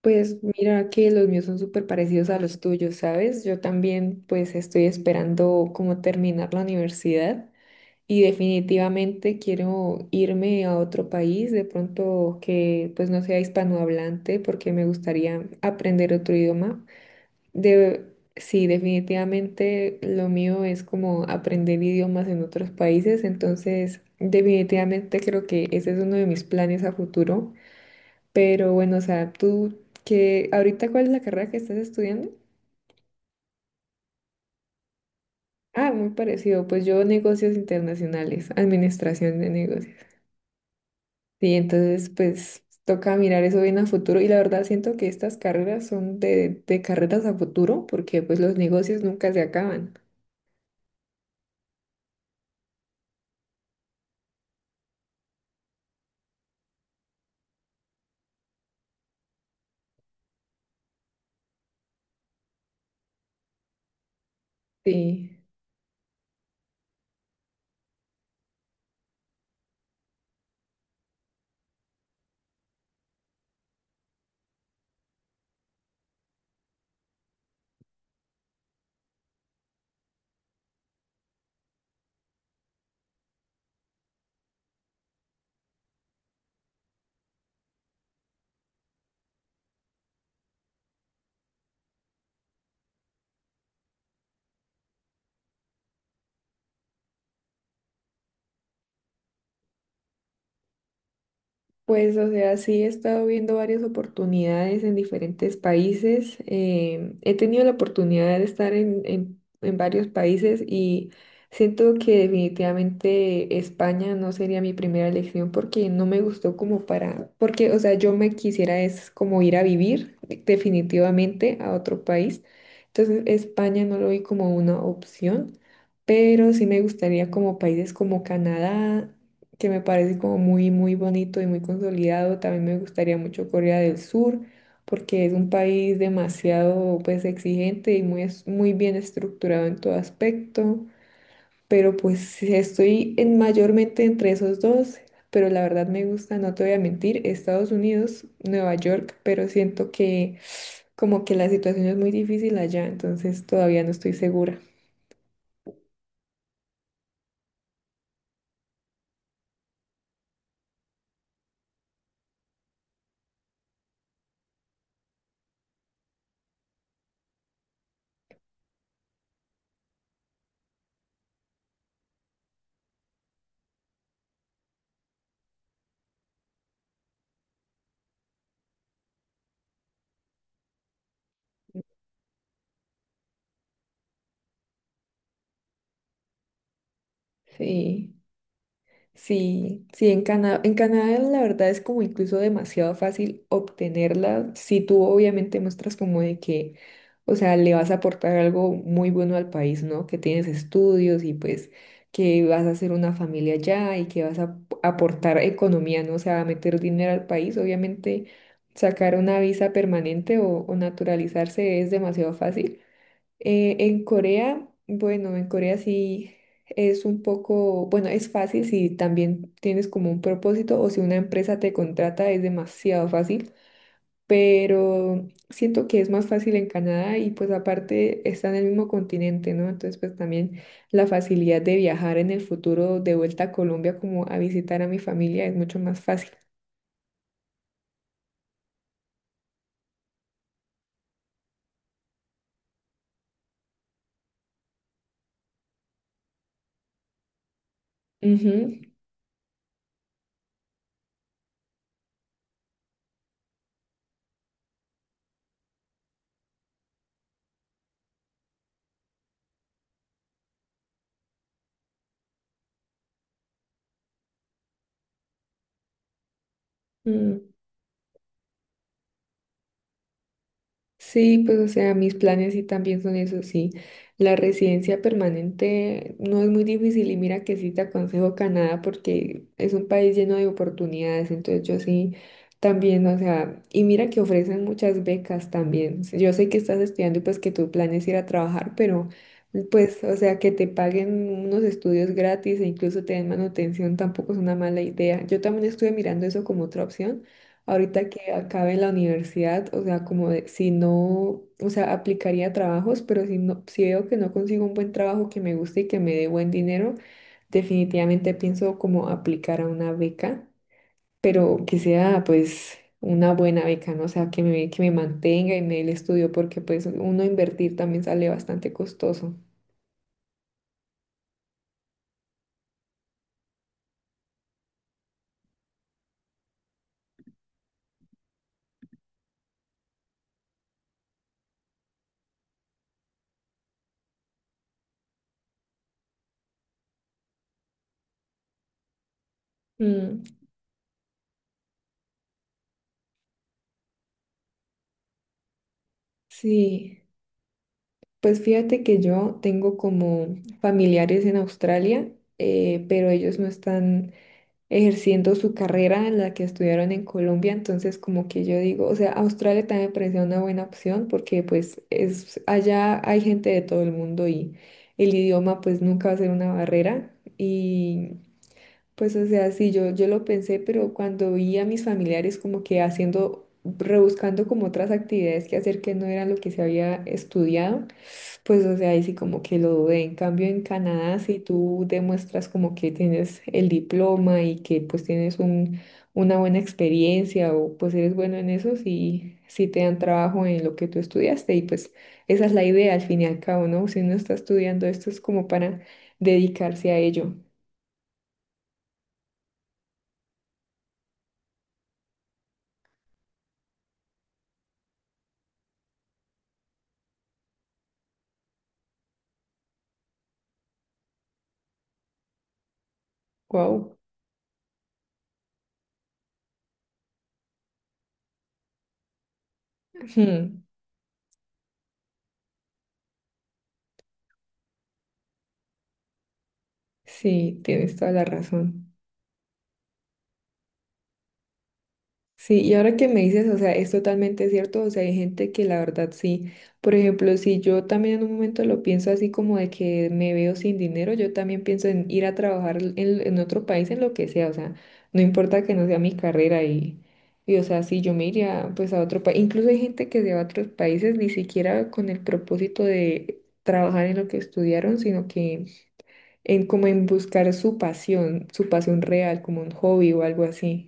Pues mira que los míos son súper parecidos a los tuyos, ¿sabes? Yo también pues estoy esperando como terminar la universidad y definitivamente quiero irme a otro país, de pronto que pues no sea hispanohablante porque me gustaría aprender otro idioma. De, sí, definitivamente lo mío es como aprender idiomas en otros países, entonces definitivamente creo que ese es uno de mis planes a futuro. Pero bueno, o sea, tú que ahorita ¿cuál es la carrera que estás estudiando? Ah, muy parecido. Pues yo negocios internacionales, administración de negocios. Sí, entonces pues toca mirar eso bien a futuro y la verdad siento que estas carreras son de carreras a futuro porque pues los negocios nunca se acaban. Sí. Pues, o sea, sí he estado viendo varias oportunidades en diferentes países. He tenido la oportunidad de estar en varios países y siento que definitivamente España no sería mi primera elección porque no me gustó como para, porque, o sea, yo me quisiera es como ir a vivir definitivamente a otro país. Entonces, España no lo vi como una opción, pero sí me gustaría como países como Canadá que me parece como muy, muy bonito y muy consolidado. También me gustaría mucho Corea del Sur, porque es un país demasiado, pues, exigente y muy, muy bien estructurado en todo aspecto. Pero pues estoy en mayormente entre esos dos, pero la verdad me gusta, no te voy a mentir, Estados Unidos, Nueva York, pero siento que como que la situación es muy difícil allá, entonces todavía no estoy segura. Sí. Sí, sí, en Canadá la verdad es como incluso demasiado fácil obtenerla si tú obviamente muestras como de que, o sea, le vas a aportar algo muy bueno al país, ¿no? Que tienes estudios y pues que vas a hacer una familia allá y que vas a aportar economía, ¿no? O sea, a meter dinero al país, obviamente sacar una visa permanente o naturalizarse es demasiado fácil. En Corea, bueno, en Corea sí es un poco, bueno, es fácil si también tienes como un propósito o si una empresa te contrata es demasiado fácil, pero siento que es más fácil en Canadá y pues aparte está en el mismo continente, ¿no? Entonces pues también la facilidad de viajar en el futuro de vuelta a Colombia como a visitar a mi familia es mucho más fácil. Ujú. Mm. Sí, pues o sea, mis planes sí también son esos, sí. La residencia permanente no es muy difícil y mira que sí te aconsejo Canadá porque es un país lleno de oportunidades, entonces yo sí también, o sea, y mira que ofrecen muchas becas también. Yo sé que estás estudiando y pues que tu plan es ir a trabajar, pero pues, o sea, que te paguen unos estudios gratis e incluso te den manutención tampoco es una mala idea. Yo también estuve mirando eso como otra opción ahorita que acabe la universidad, o sea, si no, o sea, aplicaría trabajos, pero si no, si veo que no consigo un buen trabajo que me guste y que me dé buen dinero, definitivamente pienso como aplicar a una beca, pero que sea pues una buena beca, ¿no? O sea, que me mantenga y me dé el estudio, porque pues uno invertir también sale bastante costoso. Mm, sí, pues fíjate que yo tengo como familiares en Australia, pero ellos no están ejerciendo su carrera en la que estudiaron en Colombia, entonces como que yo digo, o sea, Australia también me parecía una buena opción porque pues es allá hay gente de todo el mundo y el idioma pues nunca va a ser una barrera y pues o sea, sí, yo lo pensé, pero cuando vi a mis familiares como que haciendo, rebuscando como otras actividades que hacer que no eran lo que se había estudiado, pues, o sea, ahí sí como que lo dudé. En cambio, en Canadá, si tú demuestras como que tienes el diploma y que pues tienes un, una buena experiencia o pues eres bueno en eso, sí, sí te dan trabajo en lo que tú estudiaste y pues esa es la idea al fin y al cabo, ¿no? Si uno está estudiando esto es como para dedicarse a ello. Wow. Sí, tienes toda la razón. Sí, y ahora que me dices, o sea, es totalmente cierto, o sea, hay gente que la verdad sí, por ejemplo, si yo también en un momento lo pienso así como de que me veo sin dinero, yo también pienso en ir a trabajar en otro país, en lo que sea, o sea, no importa que no sea mi carrera y o sea, sí, yo me iría pues a otro país, incluso hay gente que se va a otros países ni siquiera con el propósito de trabajar en lo que estudiaron, sino que en como en buscar su pasión real, como un hobby o algo así.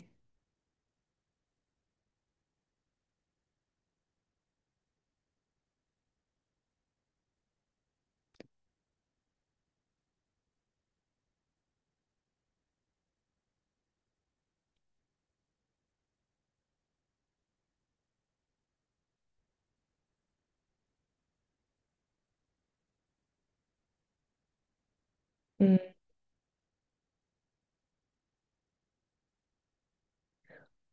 Mm.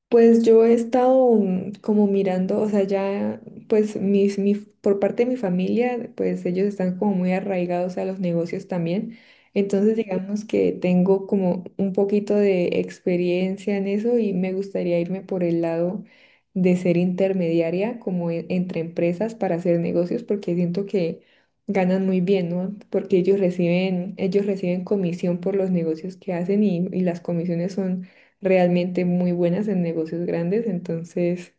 Pues yo he estado como mirando, o sea, ya, pues por parte de mi familia, pues ellos están como muy arraigados a los negocios también. Entonces, digamos que tengo como un poquito de experiencia en eso y me gustaría irme por el lado de ser intermediaria como entre empresas para hacer negocios porque siento que ganan muy bien, ¿no? Porque ellos reciben comisión por los negocios que hacen y las comisiones son realmente muy buenas en negocios grandes, entonces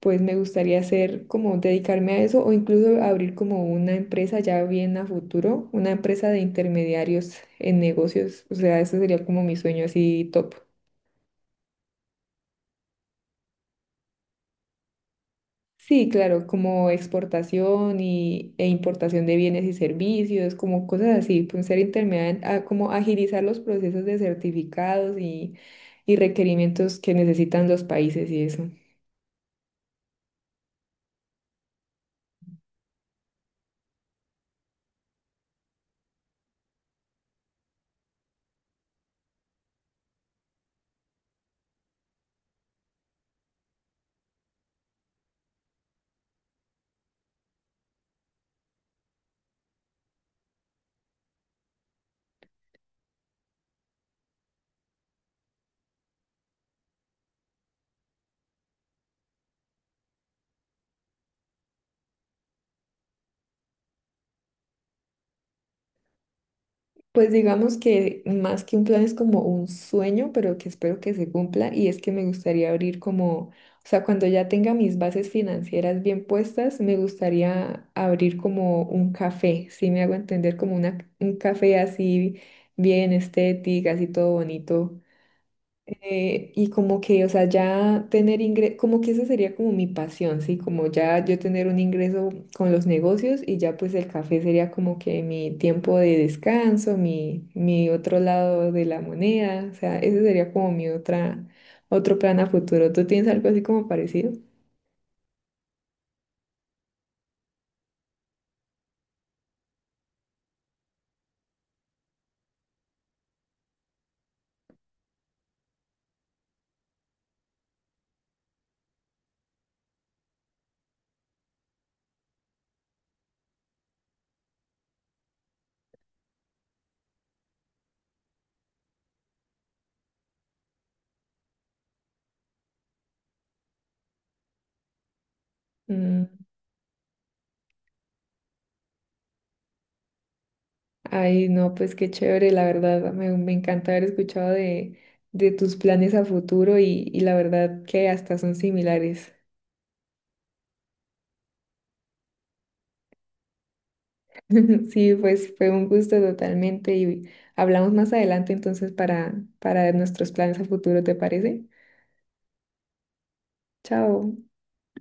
pues me gustaría hacer como dedicarme a eso o incluso abrir como una empresa ya bien a futuro, una empresa de intermediarios en negocios, o sea, eso sería como mi sueño así top. Sí, claro, como exportación e importación de bienes y servicios, como cosas así, pues ser intermediario, como agilizar los procesos de certificados y requerimientos que necesitan los países y eso. Pues digamos que más que un plan es como un sueño, pero que espero que se cumpla y es que me gustaría abrir como, o sea, cuando ya tenga mis bases financieras bien puestas, me gustaría abrir como un café, si me hago entender, como una, un café así bien estético, así todo bonito y como que, o sea, ya tener ingreso, como que esa sería como mi pasión, ¿sí? Como ya yo tener un ingreso con los negocios y ya pues el café sería como que mi tiempo de descanso, mi otro lado de la moneda, o sea, ese sería como mi otro plan a futuro. ¿Tú tienes algo así como parecido? Mm. Ay, no, pues qué chévere, la verdad, me encanta haber escuchado de tus planes a futuro y la verdad que hasta son similares. Sí, pues fue un gusto totalmente y hablamos más adelante entonces para nuestros planes a futuro, ¿te parece? Chao.